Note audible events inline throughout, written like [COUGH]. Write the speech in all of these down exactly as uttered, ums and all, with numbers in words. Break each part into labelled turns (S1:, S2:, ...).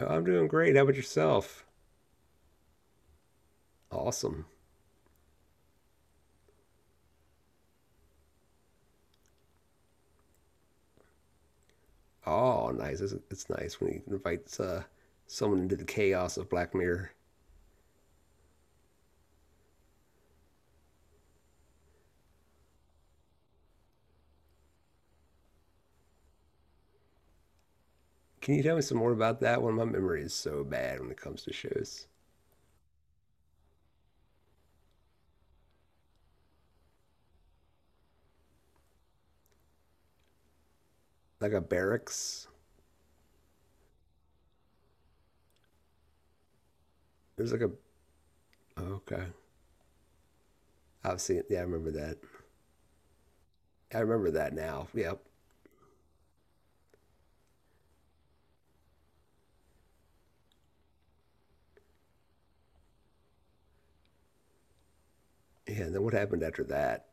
S1: Oh, I'm doing great. How about yourself? Awesome. Oh, nice. It's, it's nice when he invites uh, someone into the chaos of Black Mirror. Can you tell me some more about that one? My memory is so bad when it comes to shows. Like a barracks. There's like a. Oh, okay. I've seen it. Yeah, I remember that. I remember that now. Yep. Yeah. And then what happened after that?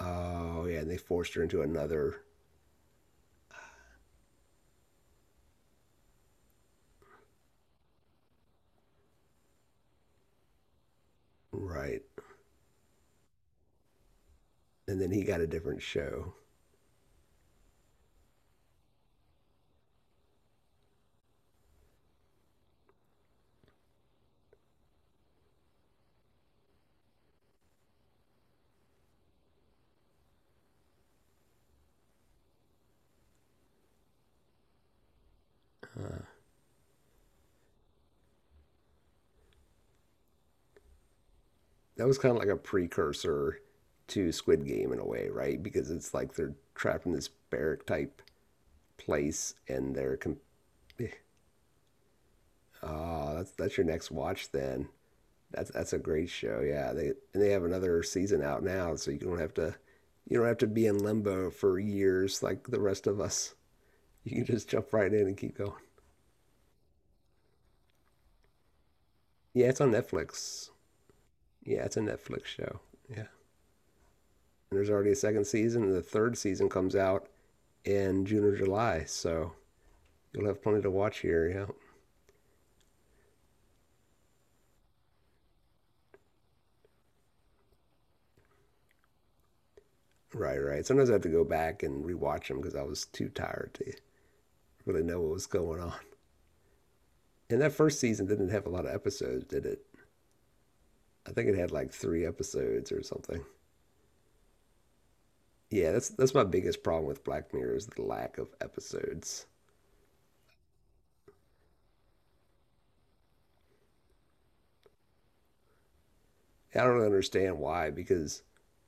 S1: Oh, yeah. And they forced her into another. Right. And then he got a different show. That was kind of like a precursor to Squid Game in a way, right? Because it's like they're trapped in this barrack type place and they're com- [LAUGHS] Oh, that's that's your next watch then. That's that's a great show. Yeah, they and they have another season out now, so you don't have to you don't have to be in limbo for years like the rest of us. You can just jump right in and keep going. Yeah, it's on Netflix. Yeah, it's a Netflix show. Yeah. And there's already a second season and the third season comes out in June or July, so you'll have plenty to watch here. Yeah. Right, right. Sometimes I have to go back and rewatch them because I was too tired to really know what was going on. And that first season didn't have a lot of episodes, did it? I think it had like three episodes or something. Yeah, that's that's my biggest problem with Black Mirror is the lack of episodes. I don't really understand why because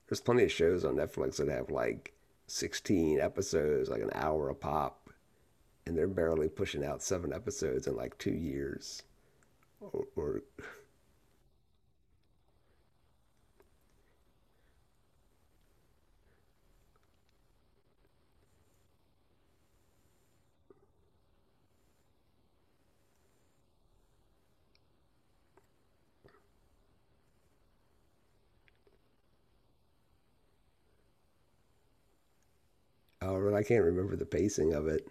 S1: there's plenty of shows on Netflix that have like sixteen episodes, like an hour a pop, and they're barely pushing out seven episodes in like two years. Or, or, or I can't remember the pacing of it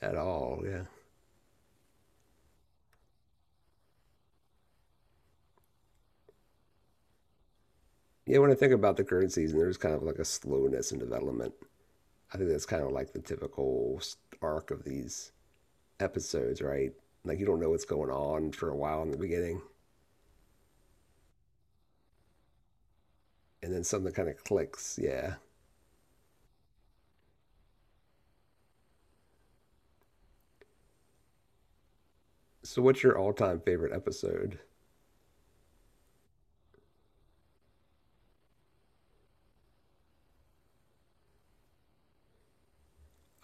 S1: at all. Yeah. Yeah, when I think about the current season, there's kind of like a slowness in development. I think that's kind of like the typical arc of these episodes, right? Like you don't know what's going on for a while in the beginning, and then something kind of clicks. Yeah. So, what's your all-time favorite episode?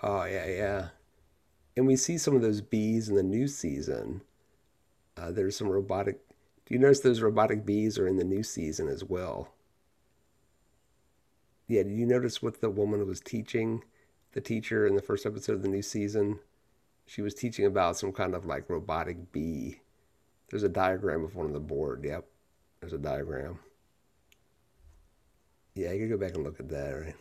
S1: Oh, yeah, yeah. And we see some of those bees in the new season. Uh, there's some robotic. Do you notice those robotic bees are in the new season as well? Yeah. Did you notice what the woman was teaching, the teacher in the first episode of the new season? She was teaching about some kind of like robotic bee. There's a diagram of one on the board. Yep, there's a diagram. Yeah, you can go back and look at that. Right.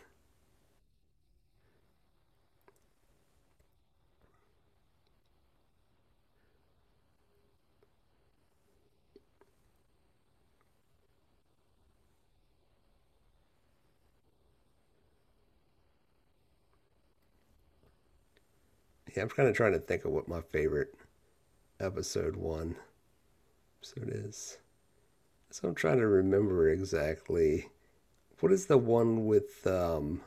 S1: Yeah, I'm kind of trying to think of what my favorite episode one episode is. So I'm trying to remember exactly what is the one with um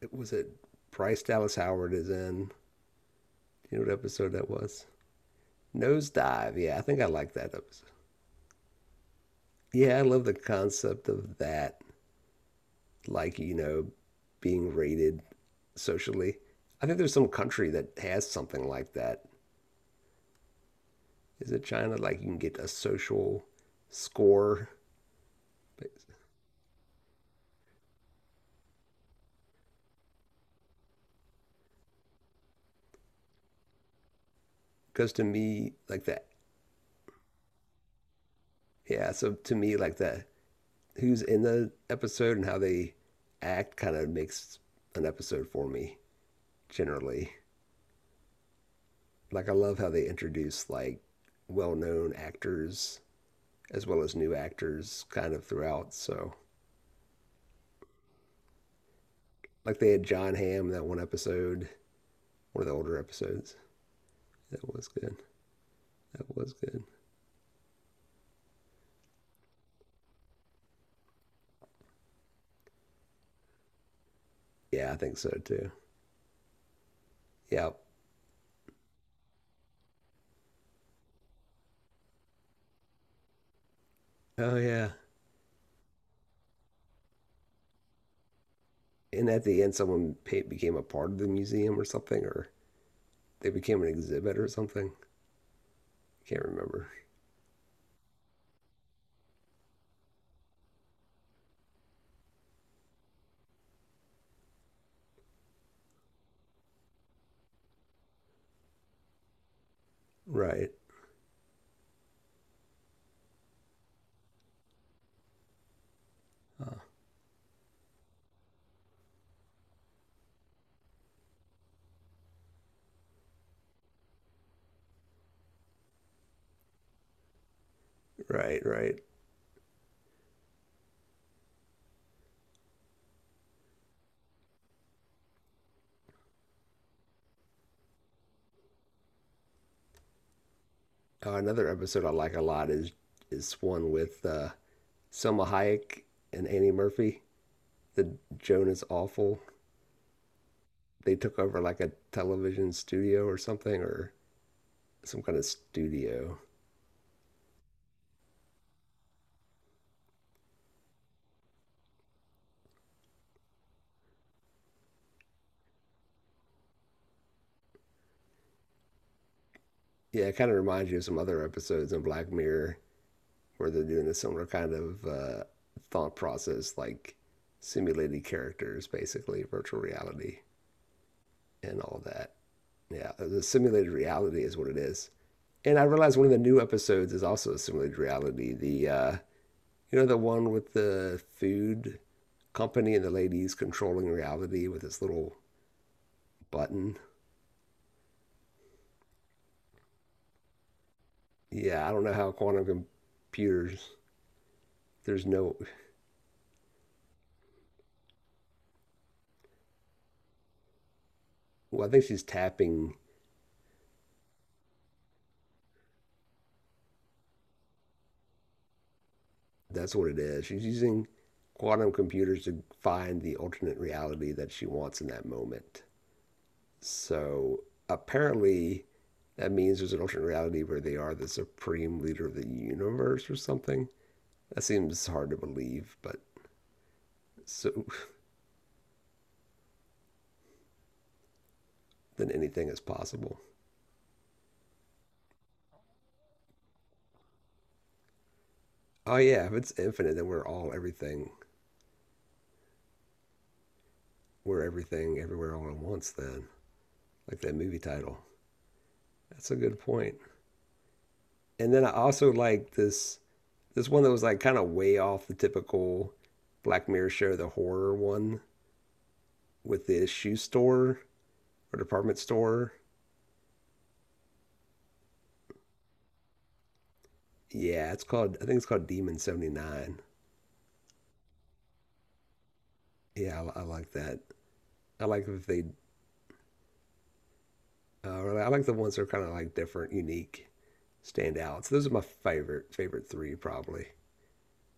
S1: it was it Bryce Dallas Howard is in. Do you know what episode that was? Nosedive. Yeah, I think I like that episode. Yeah, I love the concept of that. Like, you know, being rated socially. I think there's some country that has something like that. Is it China? Like you can get a social score. Because to me, like that, yeah. So to me, like that, who's in the episode and how they act kind of makes an episode for me generally. Like I love how they introduce like well-known actors as well as new actors kind of throughout. So like they had John Hamm in that one episode, one of the older episodes. That was good. That was good. Yeah, I think so too. Yep. Oh yeah. And at the end, someone became a part of the museum or something, or they became an exhibit or something. Can't remember. Right. Uh, right. Right. Uh, another episode I like a lot is is one with uh, Selma Hayek and Annie Murphy. The Joan is awful. They took over like a television studio or something, or some kind of studio. Yeah, it kind of reminds you of some other episodes in Black Mirror where they're doing a similar kind of uh, thought process, like simulated characters, basically virtual reality and all that. Yeah, the simulated reality is what it is. And I realized one of the new episodes is also a simulated reality. The uh, you know the one with the food company and the ladies controlling reality with this little button. Yeah, I don't know how quantum computers. There's no. Well, I think she's tapping. That's what it is. She's using quantum computers to find the alternate reality that she wants in that moment. So apparently, that means there's an alternate reality where they are the supreme leader of the universe or something. That seems hard to believe, but so [LAUGHS] then anything is possible. Oh yeah, if it's infinite, then we're all everything. We're everything, everywhere, all at once. Then, like that movie title. That's a good point. And then I also like this. This one that was like kind of way off the typical Black Mirror show, the horror one with the shoe store or department store. Yeah, it's called. I think it's called Demon Seventy Nine. Yeah, I, I like that. I like if they. Uh, I like the ones that are kind of like different, unique, stand out. So those are my favorite favorite three probably.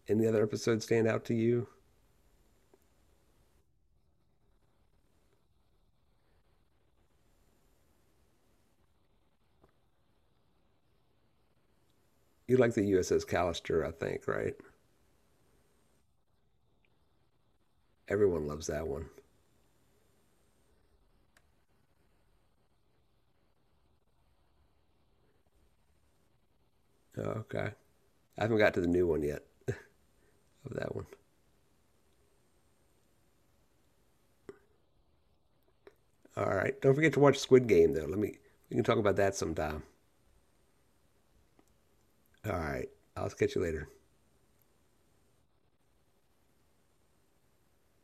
S1: Any other episodes stand out to you? You like the U S S Callister, I think, right? Everyone loves that one. Oh, okay, I haven't got to the new one yet of that one. All right. Don't forget to watch Squid Game though. Let me we can talk about that sometime. All right. I'll catch you later.